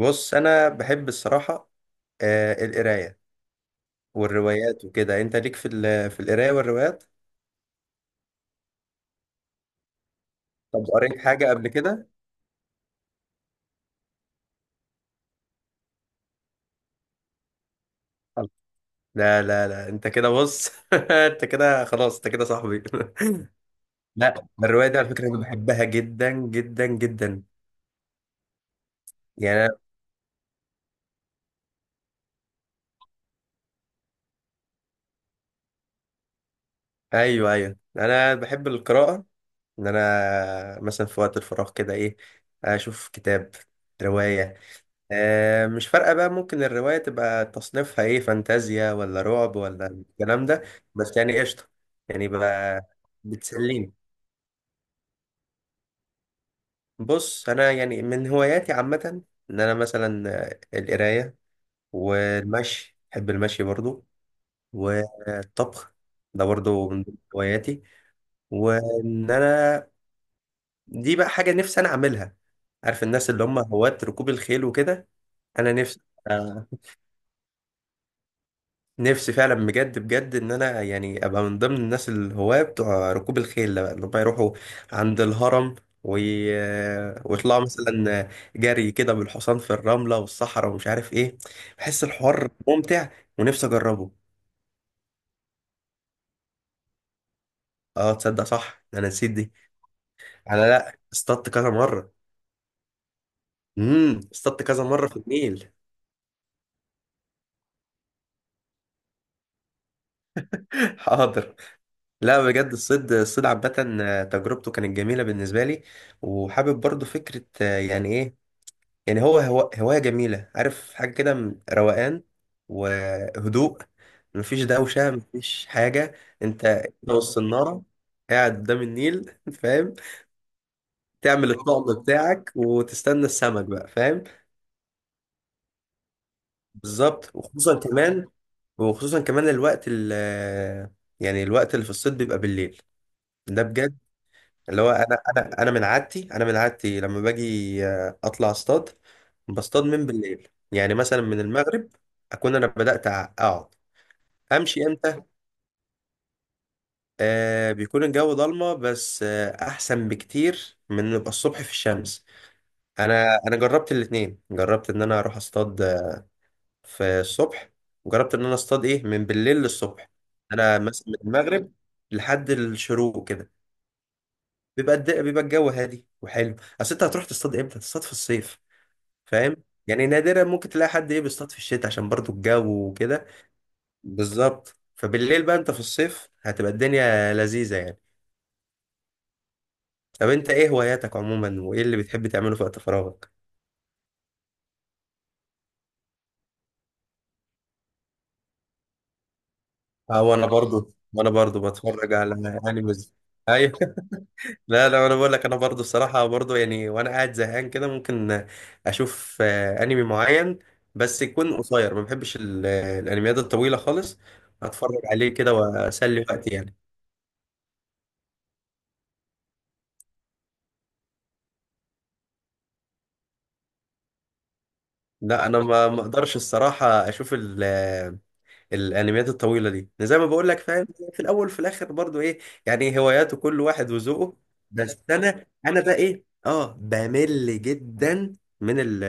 بص، انا بحب الصراحه. آه، القرايه والروايات وكده، انت ليك في في القرايه والروايات؟ طب قريت حاجه قبل كده؟ لا لا لا، انت كده بص انت كده خلاص، انت كده صاحبي لا، الروايه دي على فكره انا بحبها جدا جدا جدا. يعني أنا- ايوه، ايوه، انا بحب القراءه. ان انا مثلا في وقت الفراغ كده ايه، اشوف كتاب، روايه. مش فارقة بقى، ممكن الرواية تبقى تصنيفها ايه، فانتازيا ولا رعب ولا الكلام ده. بس يعني قشطة، يعني بقى. بتسليني. بص، أنا يعني من هواياتي عامة، إن أنا مثلا القراية، والمشي، بحب المشي برضو، والطبخ، ده برضو من ضمن هواياتي. وإن أنا، دي بقى حاجة نفسي أنا أعملها. عارف الناس اللي هم هواة ركوب الخيل وكده؟ أنا نفسي نفسي فعلا، بجد بجد، ان انا يعني ابقى من ضمن الناس الهواة بتوع ركوب الخيل ده، بقى اللي هم يروحوا عند الهرم وي... آه، ويطلعوا مثلا جري كده بالحصان في الرملة والصحراء، ومش عارف ايه. بحس الحوار ممتع، ونفسي اجربه. اه، تصدق؟ صح، ده انا نسيت دي. انا، لا، اصطدت كذا مرة. اصطدت كذا مرة في النيل. حاضر. لا بجد، الصيد الصيد عامة، تجربته كانت جميلة بالنسبة لي. وحابب برضو فكرة، يعني ايه، يعني هو هو هواية جميلة، عارف، حاجة كده روقان وهدوء. مفيش دوشة، مفيش حاجة. انت والصنارة، قاعد قدام النيل فاهم؟ تعمل الطقم بتاعك وتستنى السمك بقى، فاهم؟ بالظبط، وخصوصا كمان الوقت ال يعني الوقت اللي في الصيد بيبقى بالليل، ده بجد. اللي هو انا من عادتي لما باجي اطلع اصطاد، بصطاد من بالليل، يعني مثلا من المغرب. اكون انا بدات اقعد. امشي امتى؟ آه، بيكون الجو ضلمه، بس احسن بكتير من نبقى الصبح في الشمس. انا جربت الاتنين، جربت ان انا اروح اصطاد في الصبح، وجربت ان انا اصطاد ايه من بالليل للصبح. انا مثلا من المغرب لحد الشروق كده، بيبقى الجو هادي وحلو. اصل انت هتروح تصطاد امتى؟ تصطاد في الصيف، فاهم؟ يعني نادرا ممكن تلاقي حد ايه بيصطاد في الشتاء، عشان برضو الجو وكده. بالظبط، فبالليل بقى انت في الصيف هتبقى الدنيا لذيذة يعني. طب انت ايه هواياتك عموما، وايه اللي بتحب تعمله في وقت فراغك؟ اه، وانا برضو بتفرج على انيمز. ايوه لا لا، انا بقول لك، انا برضو الصراحة برضو يعني، وانا قاعد زهقان كده ممكن اشوف انمي معين، بس يكون قصير. ما بحبش الانميات الطويلة خالص، اتفرج عليه كده واسلي وقتي يعني. لا، انا ما اقدرش الصراحه اشوف الانميات الطويله دي، يعني زي ما بقول لك، فاهم؟ في الاول وفي الاخر برضو ايه، يعني هواياته كل واحد وذوقه. بس انا بقى ايه، اه، بمل جدا من ال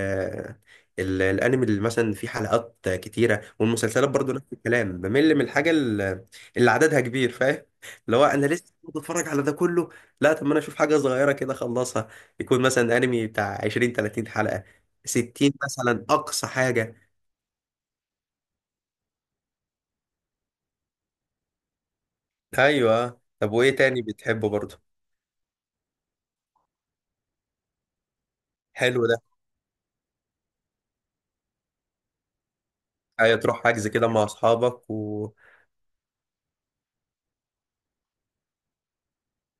ال- الانمي اللي مثلا فيه حلقات كتيره، والمسلسلات برضو نفس الكلام، بمل من الحاجه اللي عددها كبير، فاهم؟ اللي هو انا لسه بتفرج على ده كله. لا، طب ما انا اشوف حاجه صغيره كده اخلصها، يكون مثلا انمي بتاع 20 30 حلقه، 60 مثلا اقصى حاجه. ايوه، طب وايه تاني بتحبه برضو؟ حلو ده. ايوه، تروح حجز كده مع اصحابك و،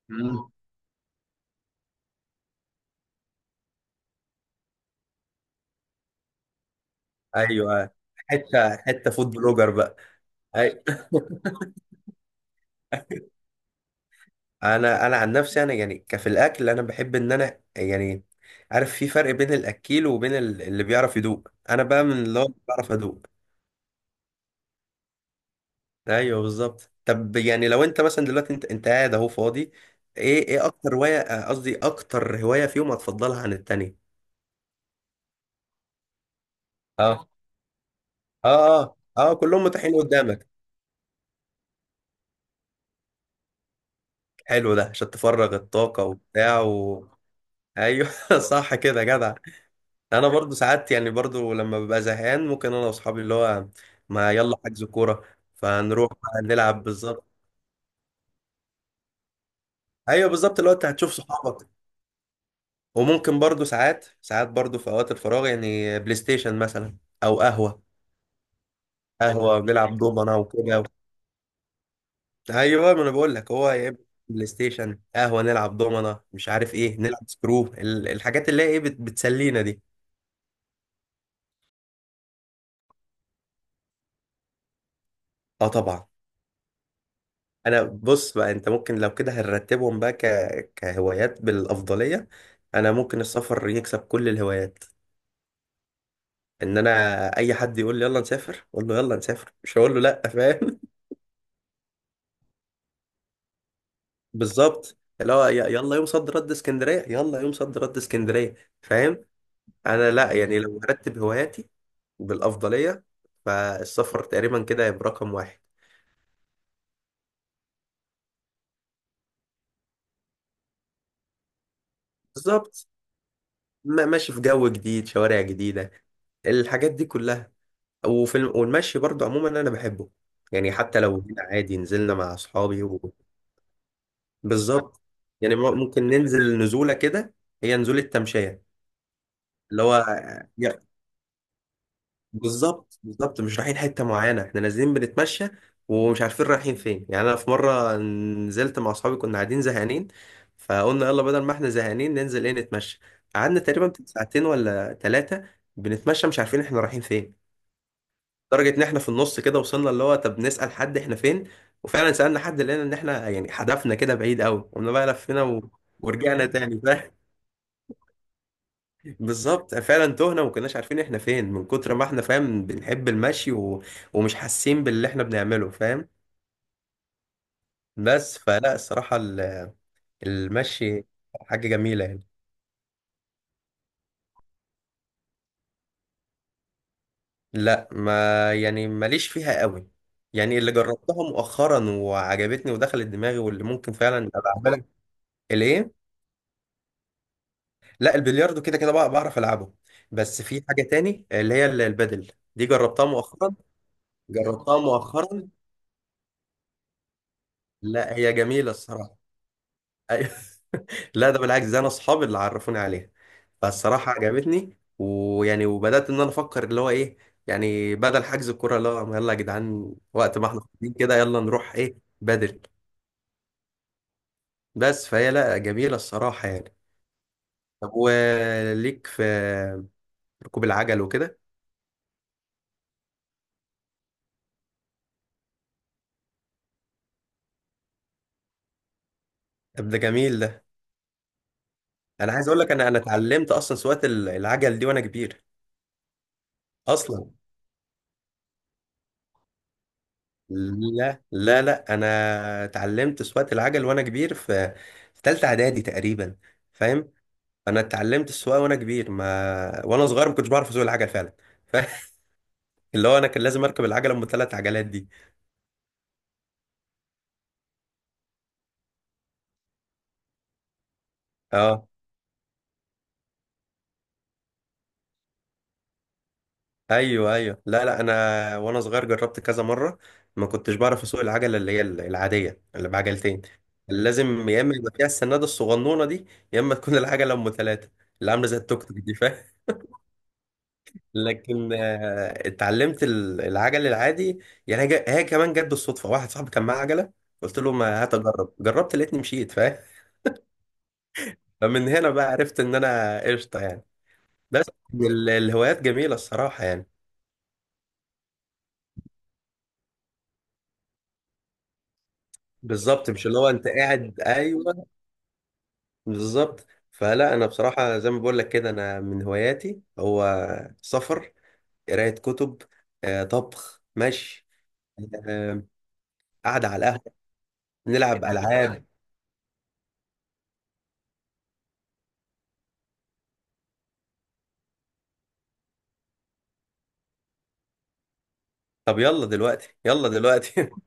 مم. ايوه، حته حته فود بلوجر بقى. أي... انا عن نفسي انا يعني، كفي الاكل، انا بحب ان انا يعني عارف، في فرق بين الاكيل وبين اللي بيعرف يدوق، انا بقى من اللي هو بعرف ادوق. ايوه بالظبط، طب يعني لو انت مثلا دلوقتي انت قاعد اهو فاضي، ايه اكتر هوايه، قصدي اكتر هوايه فيهم هتفضلها عن التانية؟ اه، اه، اه، اه، كلهم متاحين قدامك. حلو ده، عشان تفرغ الطاقة وبتاع و... ايوه صح كده يا جدع. انا برضو ساعات يعني، برضو لما ببقى زهقان ممكن انا واصحابي، اللي هو ما يلا حجز كورة، فنروح بقى نلعب. بالظبط، ايوه بالظبط، اللي هو انت هتشوف صحابك. وممكن برضو ساعات ساعات، برضو في اوقات الفراغ، يعني بلاي ستيشن مثلا او قهوة، قهوة بنلعب دومنا وكده. ايوه ما انا بقول لك، هو يا إما بلاي ستيشن، قهوة نلعب دومنا، مش عارف ايه، نلعب سكرو الحاجات اللي هي ايه بتسلينا دي. اه، طبعا. انا بص بقى، انت ممكن لو كده هنرتبهم بقى كهوايات بالافضليه، انا ممكن السفر يكسب كل الهوايات. ان انا اي حد يقول لي يلا نسافر، اقول له يلا نسافر، مش هقول له لا، فاهم؟ بالظبط، اللي هو يلا يوم صد رد اسكندريه، يلا يوم صد رد اسكندريه، فاهم؟ انا لا يعني، لو هرتب هواياتي بالافضليه فالسفر تقريبا كده هيبقى رقم واحد. بالظبط، ماشي في جو جديد، شوارع جديده، الحاجات دي كلها. والمشي برضه عموما انا بحبه، يعني حتى لو هنا عادي نزلنا مع اصحابي و... بالظبط، يعني ممكن ننزل نزوله كده، هي نزوله تمشيه، اللي هو يا- بالظبط، بالظبط مش رايحين حته معينه، احنا نازلين بنتمشى ومش عارفين رايحين فين. يعني انا في مره نزلت مع اصحابي، كنا قاعدين زهقانين فقلنا يلا، بدل ما احنا زهقانين ننزل ايه، نتمشى. قعدنا تقريبا ساعتين ولا ثلاثه بنتمشى، مش عارفين احنا رايحين فين، لدرجه ان احنا في النص كده وصلنا اللي هو، طب نسال حد احنا فين. وفعلا سالنا حد، لقينا ان احنا يعني هدفنا كده بعيد قوي، قمنا بقى لفينا و... ورجعنا تاني، فاهم؟ بالظبط، فعلا تهنا وما كناش عارفين احنا فين، من كتر ما احنا، فاهم، بنحب المشي و... ومش حاسين باللي احنا بنعمله، فاهم؟ بس فلا الصراحه المشي حاجه جميله يعني. لا، ما يعني ماليش فيها قوي، يعني اللي جربتها مؤخرا وعجبتني ودخلت دماغي، واللي ممكن فعلا ابقى اعملها. الايه؟ لا، البلياردو كده كده بقى بعرف العبه. بس في حاجه تاني اللي هي البادل دي، جربتها مؤخرا. جربتها مؤخرا لا، هي جميله الصراحه. أيوة. لا، ده بالعكس، ده انا اصحابي اللي عرفوني عليها، فالصراحه عجبتني، ويعني وبدات ان انا افكر اللي هو ايه، يعني بدل حجز الكوره اللي هو يلا يا جدعان، وقت ما احنا فاضيين كده يلا نروح ايه بدل. بس فهي لا، جميله الصراحه يعني. طب وليك في ركوب العجل وكده؟ طب ده جميل. انا عايز اقول لك، انا اتعلمت اصلا سواقه العجل دي وانا كبير، اصلا. لا لا لا، انا اتعلمت سواقه العجل وانا كبير في ثالثه اعدادي تقريبا، فاهم؟ انا اتعلمت السواقه وانا كبير، ما وانا صغير ما كنتش بعرف اسوق العجل فعلا. ف- اللي هو انا كان لازم اركب العجله ام ثلاث عجلات دي. اه، ايوه ايوه، لا لا، انا وانا صغير جربت كذا مره، ما كنتش بعرف اسوق العجله اللي هي العاديه اللي بعجلتين، لازم يا اما يبقى فيها السناده الصغنونه دي، يا اما تكون العجله ام ثلاثه، اللي عامله زي التوك توك دي، فاهم؟ لكن اتعلمت العجل العادي، يعني هي هي كمان جت بالصدفه، واحد صاحبي كان معاه عجله، قلت له ما هات اجرب، جربت لقيتني مشيت، فاهم؟ فمن هنا بقى عرفت ان انا قشطه يعني. بس الهوايات جميله الصراحه يعني. بالظبط، مش اللي هو انت قاعد، ايوه. بالظبط، فلا انا بصراحه زي ما بقول لك كده، انا من هواياتي هو سفر، قرايه كتب، طبخ، مشي، آه، قعده على القهوه، نلعب العاب. طب يلا دلوقتي، يلا دلوقتي